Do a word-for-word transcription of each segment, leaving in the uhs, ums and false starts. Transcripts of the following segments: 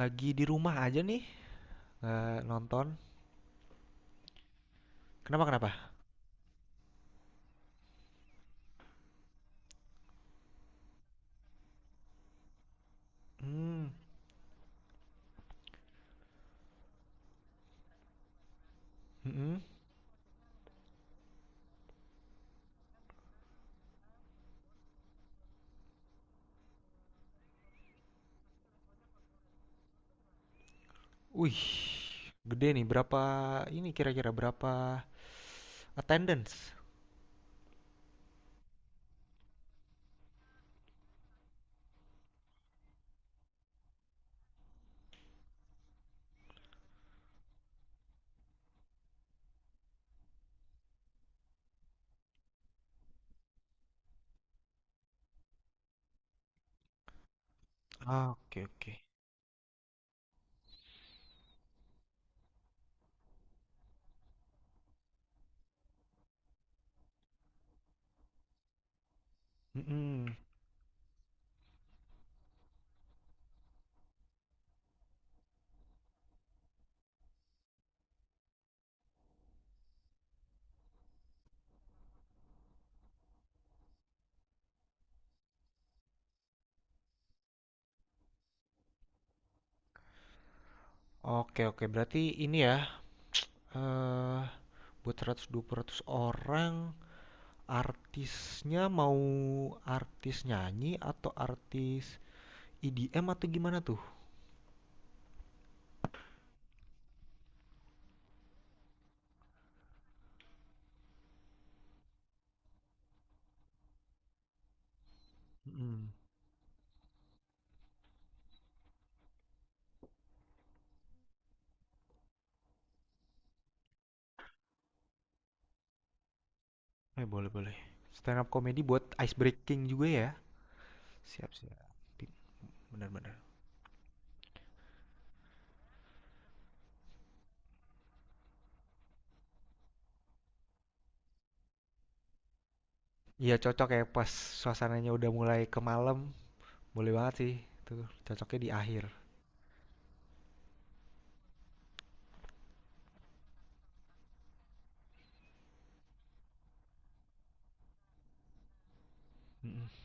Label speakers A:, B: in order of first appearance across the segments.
A: Lagi di rumah aja nih, nggak nonton. Kenapa kenapa? Hmm. Mm-mm. Wih, gede nih. Berapa ini kira-kira berapa attendance? Ah, oke oke. Mm-mm. Oke oke, berarti ini ya. eh Buat seratus sampai dua ratus orang, artisnya mau artis nyanyi atau artis E D M atau gimana tuh? Mm-mm. Eh boleh boleh. Stand up comedy buat ice breaking juga ya. Siap siap. Bener bener. Iya cocok ya pas suasananya udah mulai ke malam, boleh banget sih. Tuh, cocoknya di akhir. Mm-mm.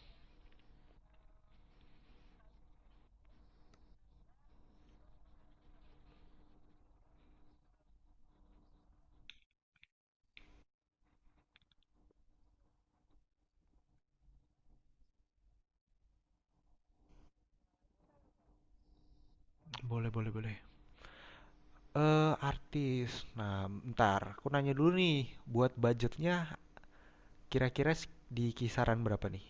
A: Boleh, boleh, boleh. Eh, artis. Nah, ntar aku nanya dulu nih, buat budgetnya kira-kira s- di kisaran berapa nih?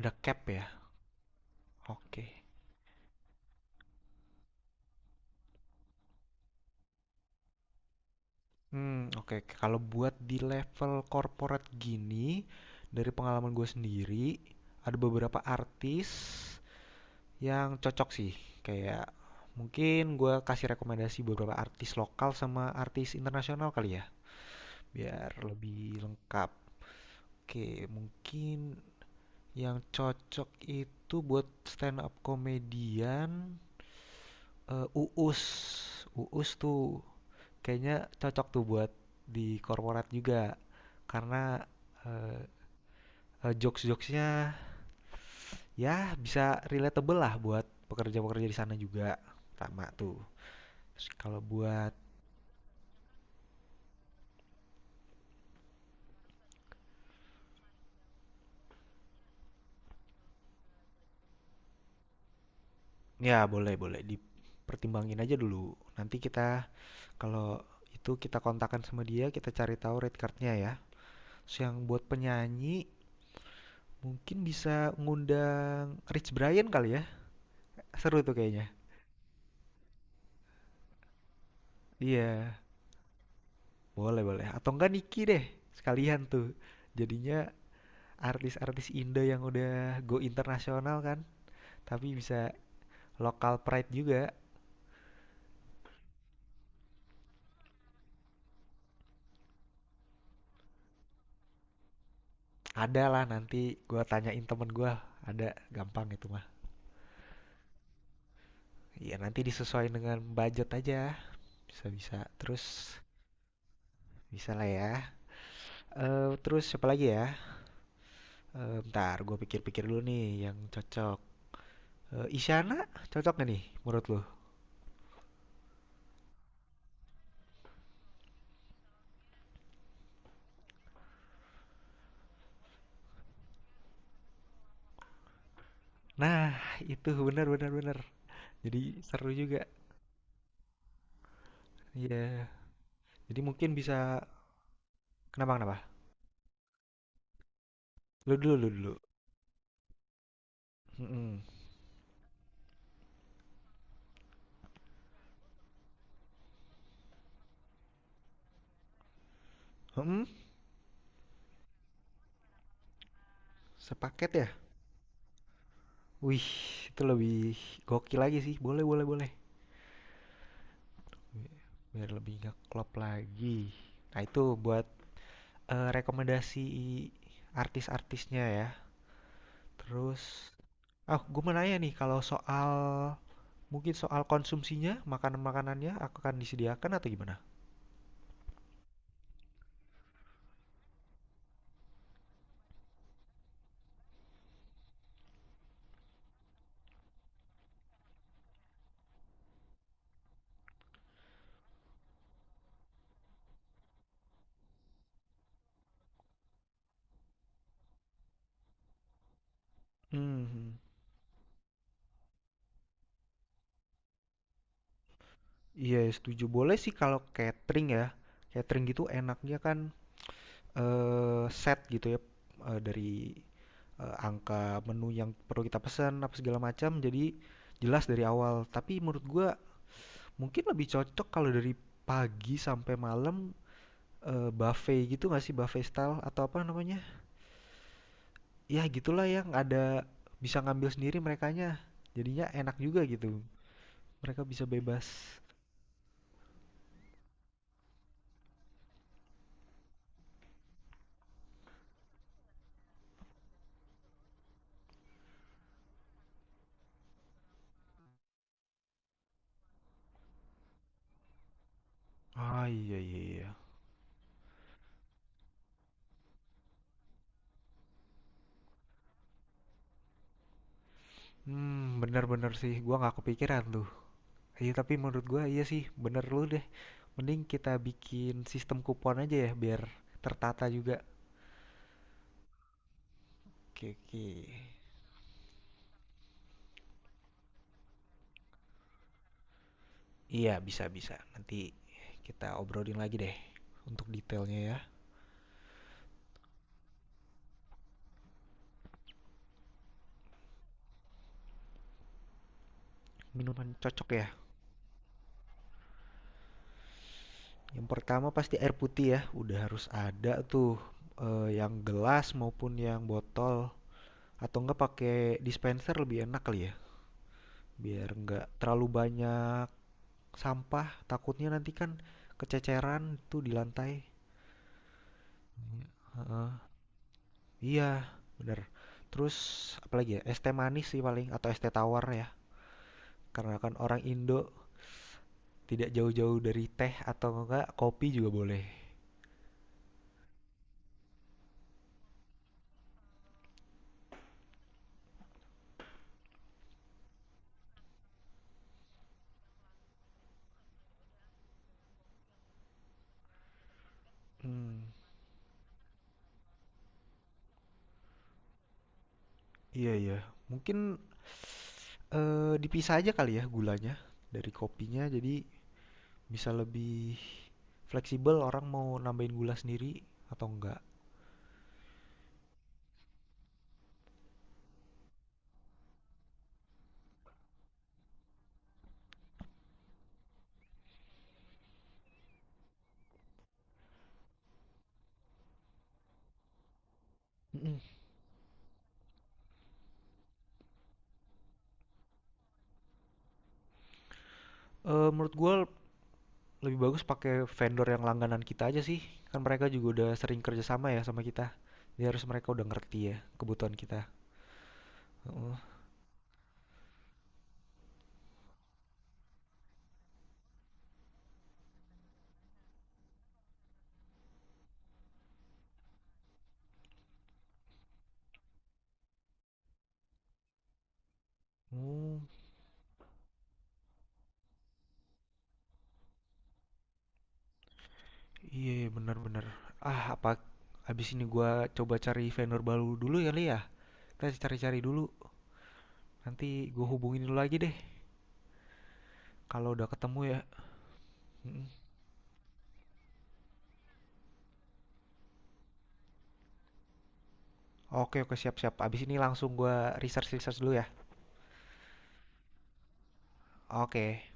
A: Ada cap ya? Oke. Hmm, oke. Kalau buat di level corporate gini, dari pengalaman gue sendiri, ada beberapa artis yang cocok sih, kayak mungkin gue kasih rekomendasi beberapa artis lokal sama artis internasional kali ya biar lebih lengkap. Oke, mungkin yang cocok itu buat stand up komedian, eh, Uus. Uus tuh kayaknya cocok tuh buat di korporat juga karena eh, eh, jokes-jokesnya ya bisa relatable lah buat pekerja-pekerja di sana juga. Sama tuh, terus kalau buat. Ya, boleh, boleh. Dipertimbangin aja dulu. Nanti kita, kalau itu kita kontakkan sama dia, kita cari tahu rate cardnya ya. Terus yang buat penyanyi, mungkin bisa ngundang Rich Brian kali ya. Seru tuh kayaknya. Iya, boleh, boleh. Atau enggak Niki deh, sekalian tuh. Jadinya artis-artis Indo yang udah go internasional kan. Tapi bisa lokal pride juga. Ada lah nanti gua tanyain temen gua. Ada, gampang itu mah. Ya nanti disesuaikan dengan budget aja. Bisa bisa. Terus bisa lah ya. Eh terus siapa lagi ya? Eh bentar gue pikir-pikir dulu nih yang cocok. Eh Isyana cocok gak nih menurut lo? Nah itu benar benar benar. Jadi seru juga. Iya. Yeah. Jadi mungkin bisa. Kenapa kenapa? Lu dulu lu dulu. Hmm. Mm. Sepaket ya? Wih itu lebih gokil lagi sih. Boleh boleh boleh. Biar lebih ngeklop lagi. Nah itu buat eh, rekomendasi artis-artisnya ya. Terus, ah, gue mau nanya nih, kalau soal mungkin soal konsumsinya, makanan-makanannya akan disediakan atau gimana? Hmm, iya setuju. Boleh sih kalau catering ya. Catering gitu enaknya kan eh, set gitu ya, eh, dari eh, angka menu yang perlu kita pesan apa segala macam. Jadi jelas dari awal. Tapi menurut gua mungkin lebih cocok kalau dari pagi sampai malam, eh, buffet gitu nggak sih, buffet style atau apa namanya? Ya gitulah, yang ada bisa ngambil sendiri merekanya, jadinya enak juga gitu. Mereka bisa bebas. Ah iya iya iya. Hmm bener bener sih, gua nggak kepikiran tuh. Iya tapi menurut gua iya sih, bener lu deh, mending kita bikin sistem kupon aja ya biar tertata juga. Oke oke. Iya bisa bisa, nanti kita obrolin lagi deh untuk detailnya ya. Minuman cocok ya. Yang pertama pasti air putih ya, udah harus ada tuh, eh, yang gelas maupun yang botol, atau enggak pakai dispenser lebih enak kali ya, biar enggak terlalu banyak sampah, takutnya nanti kan kececeran tuh di lantai. Iya. Heeh. Iya, bener. Terus apalagi ya, es teh manis sih paling atau es teh tawar ya, karena kan orang Indo tidak jauh-jauh dari teh, atau enggak kopi juga boleh. Hmm, iya iya. Mungkin Eee, dipisah aja kali ya gulanya dari kopinya, jadi bisa lebih fleksibel orang mau nambahin gula sendiri atau enggak. Mhm. Eee, menurut gue lebih bagus pakai vendor yang langganan kita aja sih, kan mereka juga udah sering kerja sama ya sama kita. Jadi harus mereka udah ngerti ya kebutuhan kita. Heeh. Oh, iya ya, benar bener. Ah, apa abis ini gua coba cari vendor baru dulu kali ya? Kita cari-cari dulu, nanti gua hubungin lu lagi deh kalau udah ketemu ya. Mhm. Oke, oke, siap, siap. Abis ini langsung gue research-research dulu ya. Oke.